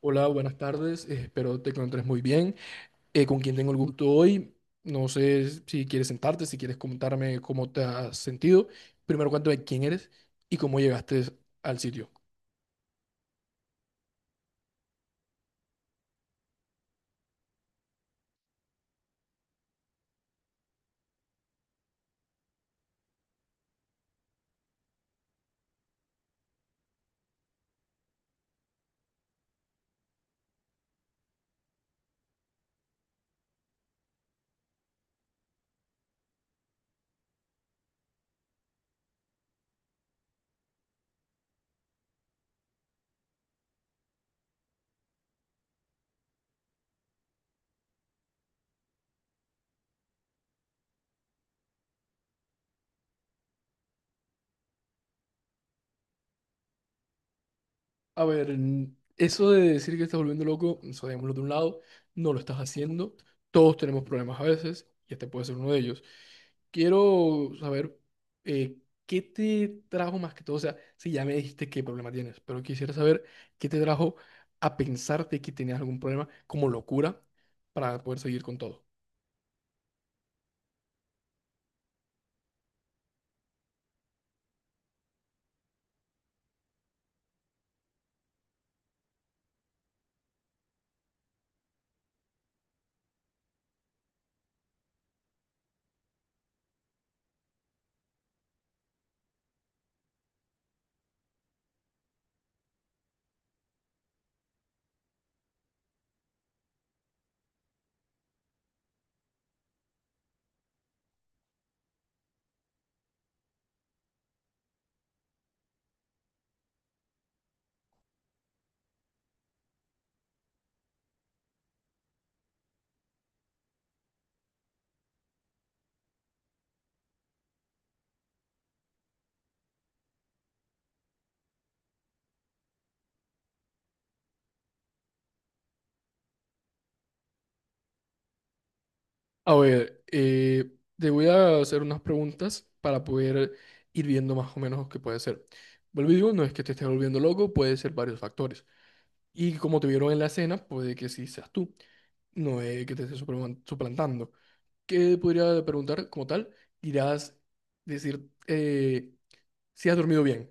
Hola, buenas tardes. Espero te encuentres muy bien. ¿Con quién tengo el gusto hoy? No sé si quieres sentarte, si quieres comentarme cómo te has sentido. Primero, cuéntame quién eres y cómo llegaste al sitio. A ver, eso de decir que estás volviendo loco, eso dejémoslo de un lado, no lo estás haciendo. Todos tenemos problemas a veces, y este puede ser uno de ellos. Quiero saber eh, qué te trajo más que todo, o sea, si ya me dijiste qué problema tienes, pero quisiera saber qué te trajo a pensarte que tenías algún problema como locura para poder seguir con todo. A ver, te voy a hacer unas preguntas para poder ir viendo más o menos qué puede ser. Vuelvo y digo, no es que te estés volviendo loco, puede ser varios factores. Y como te vieron en la escena, puede que sí seas tú. No es que te estés suplantando. ¿Qué podría preguntar como tal? Irás decir si has dormido bien.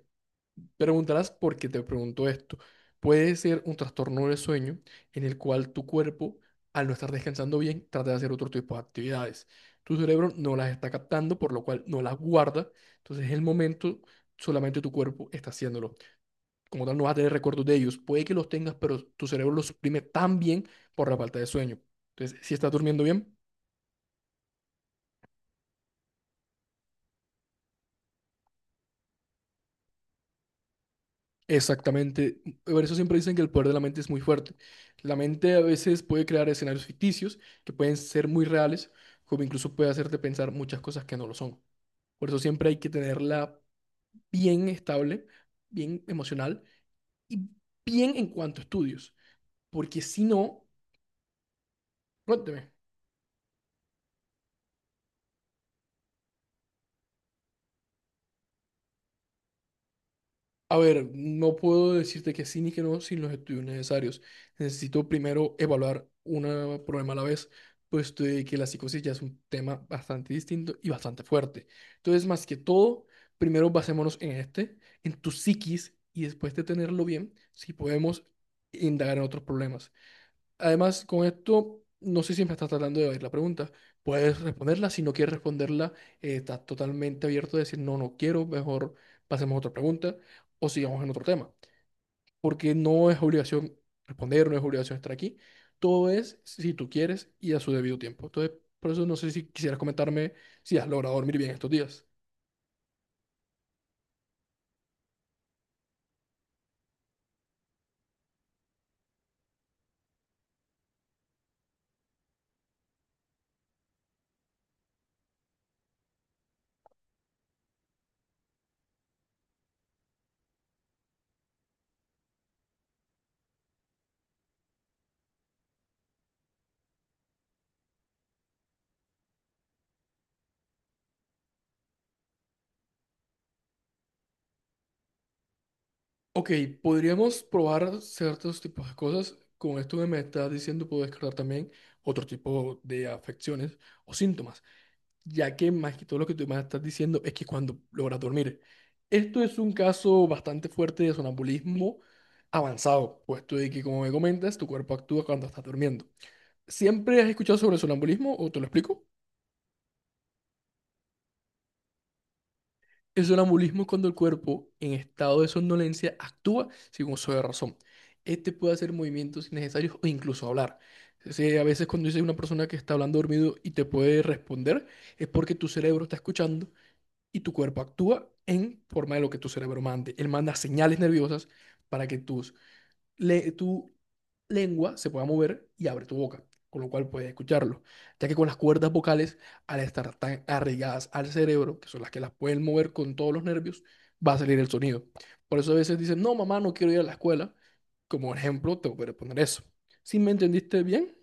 Preguntarás por qué te pregunto esto. Puede ser un trastorno del sueño en el cual tu cuerpo, al no estar descansando bien, trata de hacer otro tipo de actividades. Tu cerebro no las está captando, por lo cual no las guarda. Entonces, en el momento, solamente tu cuerpo está haciéndolo. Como tal, no vas a tener recuerdos de ellos. Puede que los tengas, pero tu cerebro los suprime tan bien por la falta de sueño. Entonces, si estás durmiendo bien, exactamente. Por eso siempre dicen que el poder de la mente es muy fuerte. La mente a veces puede crear escenarios ficticios que pueden ser muy reales, como incluso puede hacerte pensar muchas cosas que no lo son. Por eso siempre hay que tenerla bien estable, bien emocional y bien en cuanto a estudios. Porque si no, cuénteme. A ver, no puedo decirte que sí ni que no sin los estudios necesarios. Necesito primero evaluar un problema a la vez, puesto de que la psicosis ya es un tema bastante distinto y bastante fuerte. Entonces, más que todo, primero basémonos en este, en tu psiquis, y después de tenerlo bien, si podemos indagar en otros problemas. Además, con esto, no sé si me estás tratando de oír la pregunta. Puedes responderla. Si no quieres responderla, estás totalmente abierto a decir, no, no quiero, mejor pasemos a otra pregunta o sigamos en otro tema. Porque no es obligación responder, no es obligación estar aquí. Todo es si tú quieres y a su debido tiempo. Entonces, por eso no sé si quisieras comentarme si has logrado dormir bien estos días. Ok, podríamos probar ciertos tipos de cosas. Con esto que me estás diciendo, puedo descartar también otro tipo de afecciones o síntomas, ya que más que todo lo que tú me estás diciendo es que cuando logras dormir. Esto es un caso bastante fuerte de sonambulismo avanzado, puesto de que, como me comentas, tu cuerpo actúa cuando estás durmiendo. ¿Siempre has escuchado sobre el sonambulismo o te lo explico? El sonambulismo es cuando el cuerpo, en estado de somnolencia, actúa sin uso de razón. Este puede hacer movimientos innecesarios o incluso hablar. Entonces, a veces cuando dice una persona que está hablando dormido y te puede responder, es porque tu cerebro está escuchando y tu cuerpo actúa en forma de lo que tu cerebro mande. Él manda señales nerviosas para que tu lengua se pueda mover y abre tu boca, con lo cual puedes escucharlo. Ya que con las cuerdas vocales, al estar tan arraigadas al cerebro, que son las que las pueden mover con todos los nervios, va a salir el sonido. Por eso a veces dicen, no, mamá, no quiero ir a la escuela. Como ejemplo, te voy a poner eso. Si me entendiste bien,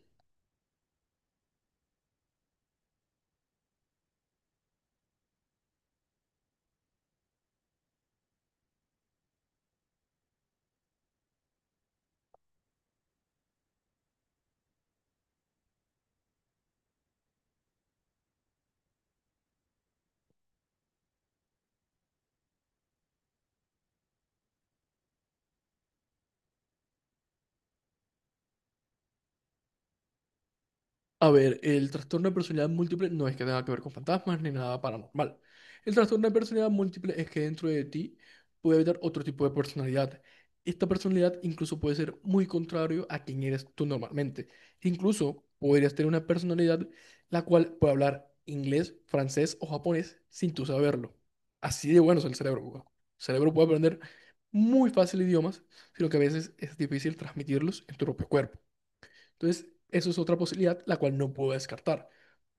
a ver, el trastorno de personalidad múltiple no es que tenga que ver con fantasmas ni nada paranormal. El trastorno de personalidad múltiple es que dentro de ti puede haber otro tipo de personalidad. Esta personalidad incluso puede ser muy contrario a quien eres tú normalmente. Incluso podrías tener una personalidad la cual puede hablar inglés, francés o japonés sin tú saberlo. Así de bueno es el cerebro, weón. El cerebro puede aprender muy fácil idiomas, sino que a veces es difícil transmitirlos en tu propio cuerpo. Entonces, eso es otra posibilidad, la cual no puedo descartar.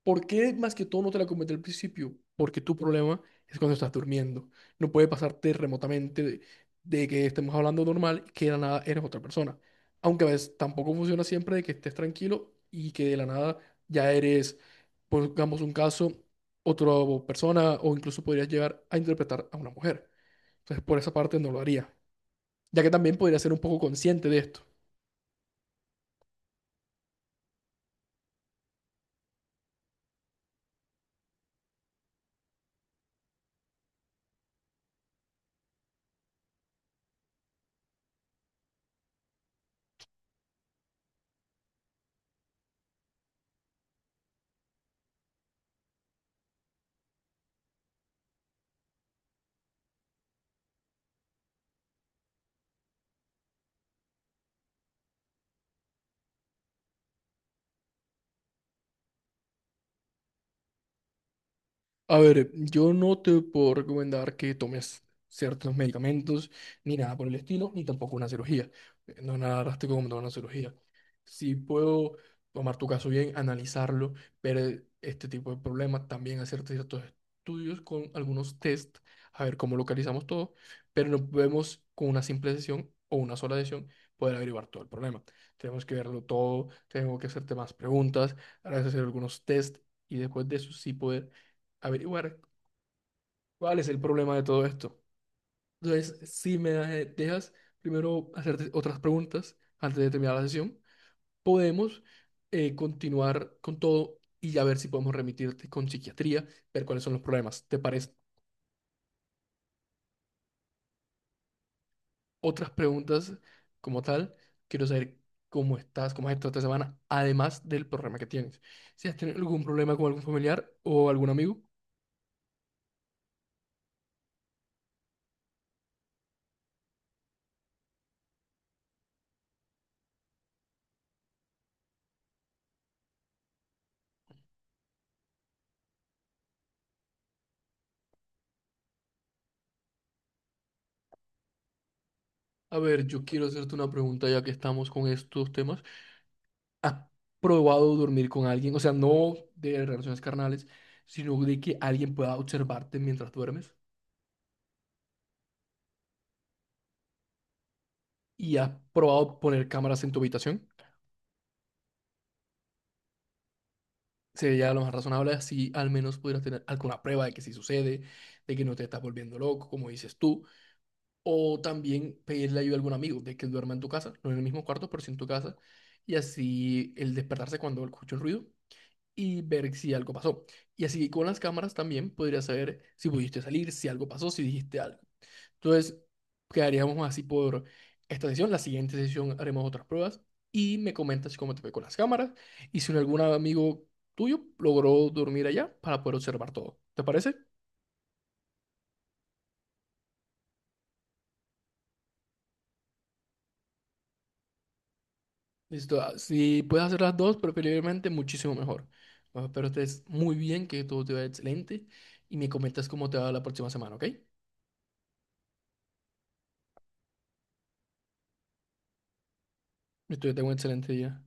¿Por qué más que todo no te la comenté al principio? Porque tu problema es cuando estás durmiendo. No puede pasarte remotamente de que estemos hablando normal y que de la nada eres otra persona. Aunque a veces tampoco funciona siempre de que estés tranquilo y que de la nada ya eres, pongamos un caso, otra persona o incluso podrías llegar a interpretar a una mujer. Entonces, por esa parte no lo haría ya que también podría ser un poco consciente de esto. A ver, yo no te puedo recomendar que tomes ciertos medicamentos, ni nada por el estilo, ni tampoco una cirugía. No es nada drástico como tomar una cirugía. Si puedo tomar tu caso bien, analizarlo, ver este tipo de problemas, también hacer ciertos estudios con algunos test, a ver cómo localizamos todo, pero no podemos con una simple sesión o una sola sesión poder averiguar todo el problema. Tenemos que verlo todo, tengo que hacerte más preguntas, ahora hacer algunos test y después de eso sí poder averiguar cuál es el problema de todo esto. Entonces, si me dejas primero hacerte otras preguntas antes de terminar la sesión, podemos continuar con todo y ya ver si podemos remitirte con psiquiatría, ver cuáles son los problemas. ¿Te parece? Otras preguntas como tal, quiero saber cómo estás, cómo has estado esta semana, además del problema que tienes. Si has tenido algún problema con algún familiar o algún amigo. A ver, yo quiero hacerte una pregunta ya que estamos con estos temas. ¿Has probado dormir con alguien? O sea, no de relaciones carnales, sino de que alguien pueda observarte mientras duermes y has probado poner cámaras en tu habitación. Sería lo más razonable, así al menos pudieras tener alguna prueba de que sí sucede, de que no te estás volviendo loco, como dices tú, o también pedirle ayuda a algún amigo de que duerma en tu casa, no en el mismo cuarto, pero sí en tu casa, y así el despertarse cuando escucha el ruido y ver si algo pasó. Y así con las cámaras también podrías saber si pudiste salir, si algo pasó, si dijiste algo. Entonces, quedaríamos así por esta sesión. La siguiente sesión haremos otras pruebas y me comentas cómo te fue con las cámaras y si algún amigo tuyo logró dormir allá para poder observar todo. ¿Te parece? Listo. Si puedes hacer las dos, preferiblemente muchísimo mejor. Espero estés muy bien, que todo te vaya excelente y me comentas cómo te va la próxima semana, ¿ok? Listo, yo tengo un excelente día.